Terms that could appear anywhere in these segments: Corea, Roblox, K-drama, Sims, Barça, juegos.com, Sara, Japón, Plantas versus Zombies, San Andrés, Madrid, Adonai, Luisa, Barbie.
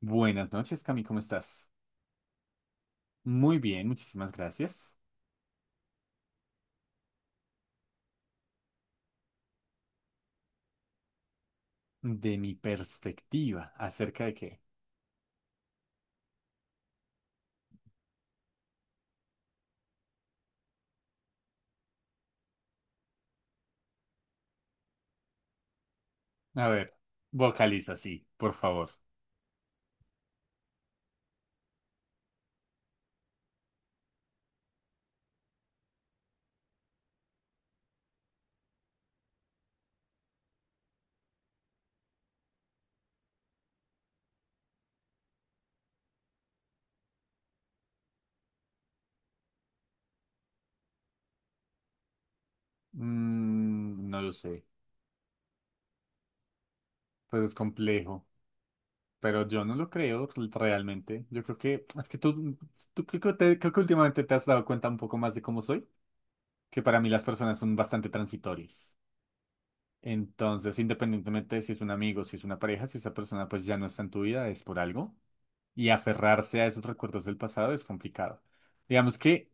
Buenas noches, Cami, ¿cómo estás? Muy bien, muchísimas gracias. De mi perspectiva, ¿acerca de qué? A ver, vocaliza, sí, por favor. No lo sé, pues es complejo, pero yo no lo creo realmente. Yo creo que, es que tú creo que, creo que últimamente te has dado cuenta un poco más de cómo soy, que para mí las personas son bastante transitorias. Entonces, independientemente de si es un amigo, si es una pareja, si esa persona pues ya no está en tu vida, es por algo. Y aferrarse a esos recuerdos del pasado es complicado. Digamos que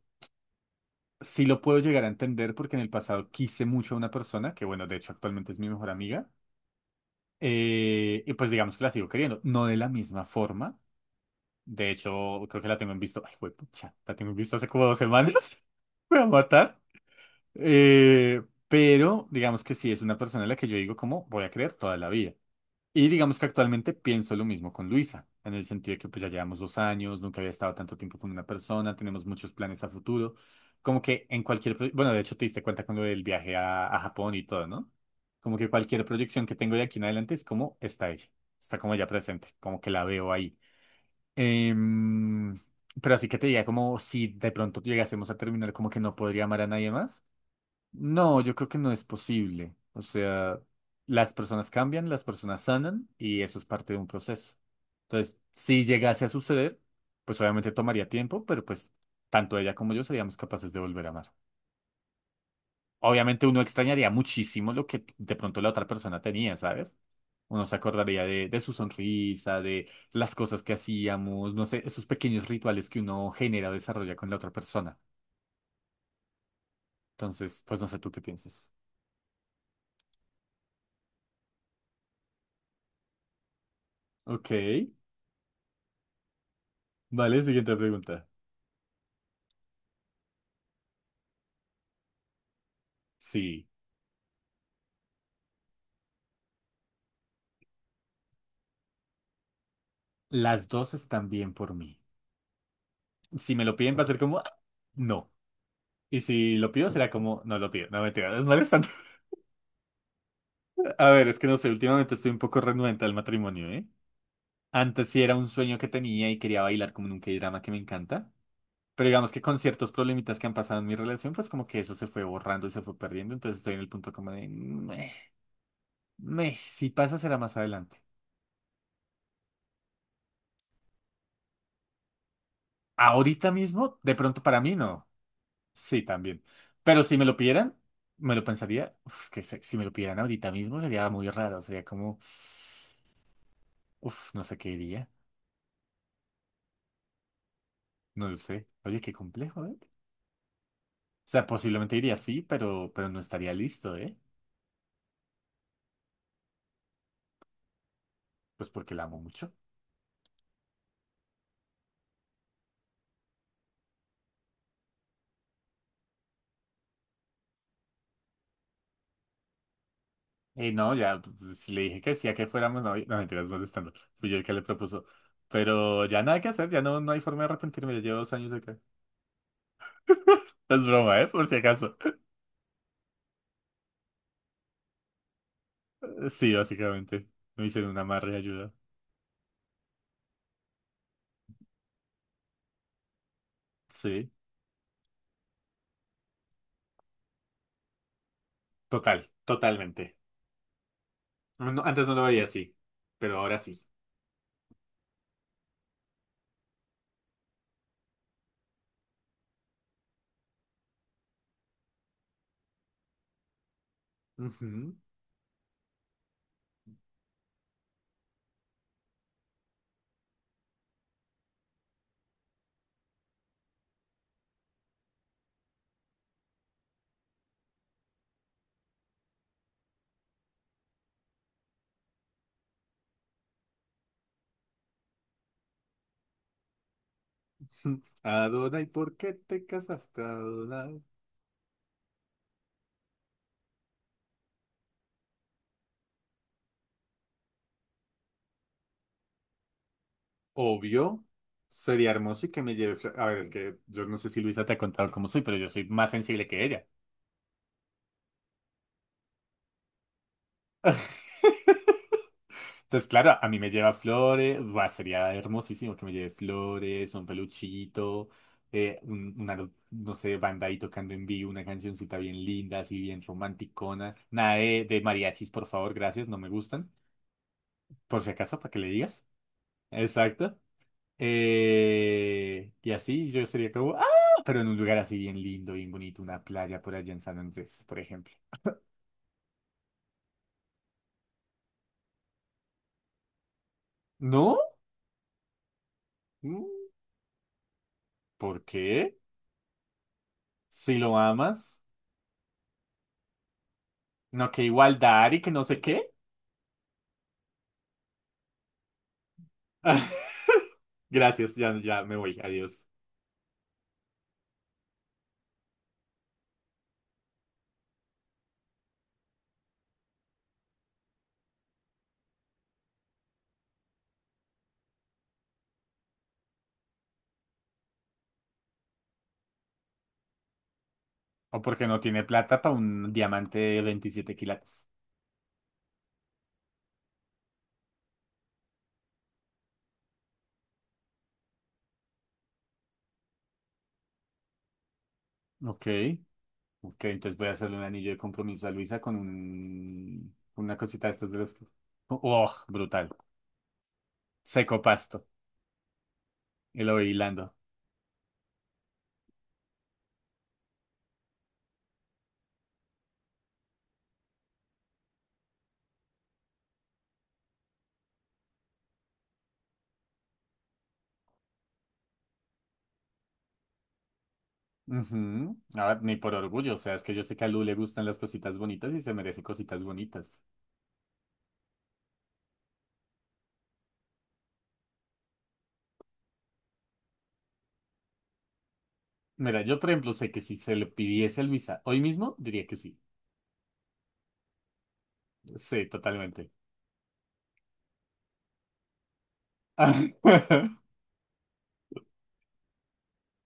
sí lo puedo llegar a entender porque en el pasado quise mucho a una persona, que bueno, de hecho actualmente es mi mejor amiga, y pues digamos que la sigo queriendo, no de la misma forma. De hecho, creo que la tengo en visto, ay, ya, la tengo en visto hace como dos semanas. Me va a matar. Eh, pero digamos que sí es una persona a la que yo digo como voy a creer toda la vida. Y digamos que actualmente pienso lo mismo con Luisa, en el sentido de que pues ya llevamos dos años, nunca había estado tanto tiempo con una persona, tenemos muchos planes a futuro, como que en cualquier, bueno, de hecho te diste cuenta con lo del viaje a Japón y todo, ¿no? Como que cualquier proyección que tengo de aquí en adelante es como está ella, está como ya presente, como que la veo ahí. Em, pero así que te diga como si de pronto llegásemos a terminar, como que no podría amar a nadie más. No, yo creo que no es posible. O sea, las personas cambian, las personas sanan y eso es parte de un proceso. Entonces, si llegase a suceder, pues obviamente tomaría tiempo, pero pues tanto ella como yo seríamos capaces de volver a amar. Obviamente uno extrañaría muchísimo lo que de pronto la otra persona tenía, ¿sabes? Uno se acordaría de su sonrisa, de las cosas que hacíamos, no sé, esos pequeños rituales que uno genera o desarrolla con la otra persona. Entonces, pues no sé tú qué piensas. Ok, vale, siguiente pregunta. Sí, las dos están bien por mí. Si me lo piden va a ser como, "Ah, no". Y si lo pido será como, no lo pido, no me es molestando. A ver, es que no sé, últimamente estoy un poco renuente al matrimonio, ¿eh? Antes sí era un sueño que tenía y quería bailar como en un K-drama que me encanta. Pero digamos que con ciertos problemitas que han pasado en mi relación, pues como que eso se fue borrando y se fue perdiendo. Entonces estoy en el punto como de, "Meh, meh, si pasa será más adelante". Ahorita mismo, de pronto para mí no. Sí, también. Pero si me lo pidieran, me lo pensaría. Uf, si me lo pidieran ahorita mismo sería muy raro. Sería como, uf, no sé qué diría. No lo sé. Oye, qué complejo, ¿eh? O sea, posiblemente diría sí, pero no estaría listo, ¿eh? Pues porque la amo mucho. No, ya, pues, si le dije que sí a que fuéramos novios. No, mentiras, molestando. Fui yo el que le propuso. Pero ya nada que hacer, ya no, no hay forma de arrepentirme. Ya llevo dos años acá. Es broma, ¿eh? Por si acaso. Sí, básicamente. Me hicieron una amarre de ayuda. Sí, total, totalmente. No, antes no lo veía así, pero ahora sí. Ujú. Adonai, ¿por qué te casaste, Adonai? Obvio, sería hermoso y que me lleve... A ver, es que yo no sé si Luisa te ha contado cómo soy, pero yo soy más sensible que ella. Entonces, claro, a mí me lleva flores, va, sería hermosísimo que me lleve flores, un peluchito, una, no sé, banda ahí tocando en vivo, una cancioncita bien linda, así bien romanticona. Nada de mariachis, por favor, gracias, no me gustan. Por si acaso, para que le digas. Exacto. Y así yo sería como, ¡ah! Pero en un lugar así bien lindo, bien bonito, una playa por allá en San Andrés, por ejemplo. ¿No? Mm, ¿por qué? Si lo amas. No, que igualdad y que no sé qué. Gracias, ya, ya me voy, adiós. O porque no tiene plata para un diamante de 27 quilates. Ok, ok, entonces voy a hacerle un anillo de compromiso a Luisa con una cosita de estas de los... ¡Oh, brutal! Seco pasto. Y lo voy hilando. Ujú. A ver, ni por orgullo, o sea, es que yo sé que a Lu le gustan las cositas bonitas y se merece cositas bonitas. Mira, yo por ejemplo sé que si se lo pidiese a Luisa hoy mismo, diría que sí. Sí, totalmente.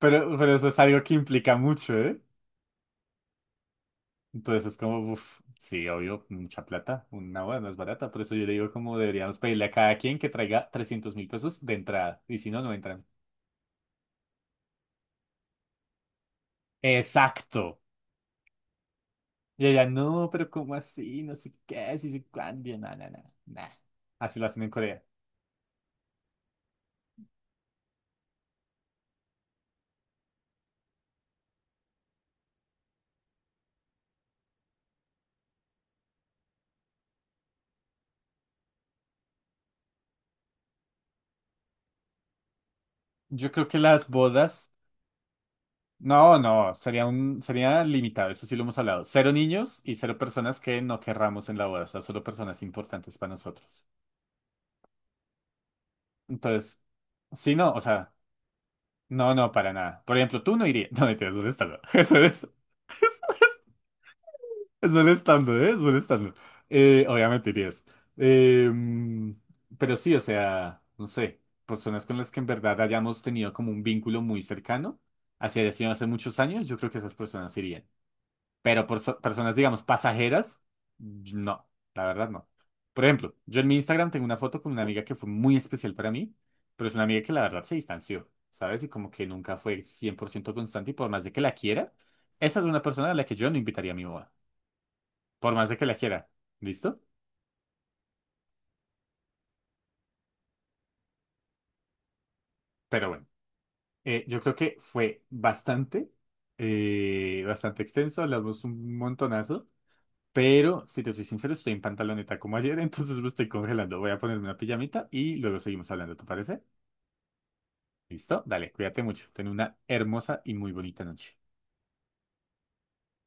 Pero eso es algo que implica mucho, ¿eh? Entonces es como, uff, sí, obvio, mucha plata, una boda no es barata, por eso yo le digo como deberíamos pedirle a cada quien que traiga 300.000 pesos de entrada, y si no, no entran. Exacto. Y ella, no, pero ¿cómo así? No sé qué, si sé cuándo. Y yo, no, no, no, nah. Así lo hacen en Corea. Yo creo que las bodas. No, no, sería un, sería limitado, eso sí lo hemos hablado. Cero niños y cero personas que no querramos en la boda, o sea, solo personas importantes para nosotros. Entonces, sí, no, o sea, no, para nada. Por ejemplo, tú no irías. No, mentiras, ¿dónde está? Es un estándar, ¿eh? Es un estándar. Obviamente irías. Eh, pero sí, o sea, no sé, personas con las que en verdad hayamos tenido como un vínculo muy cercano, así haya sido hace muchos años, yo creo que esas personas irían. Pero por personas, digamos, pasajeras, no, la verdad no. Por ejemplo, yo en mi Instagram tengo una foto con una amiga que fue muy especial para mí, pero es una amiga que la verdad se distanció, ¿sabes? Y como que nunca fue 100% constante y por más de que la quiera, esa es una persona a la que yo no invitaría a mi boda por más de que la quiera. ¿Listo? Pero bueno, yo creo que fue bastante, bastante extenso, hablamos un montonazo, pero si te soy sincero, estoy en pantaloneta como ayer, entonces me estoy congelando. Voy a ponerme una pijamita y luego seguimos hablando, ¿te parece? ¿Listo? Dale, cuídate mucho. Ten una hermosa y muy bonita noche.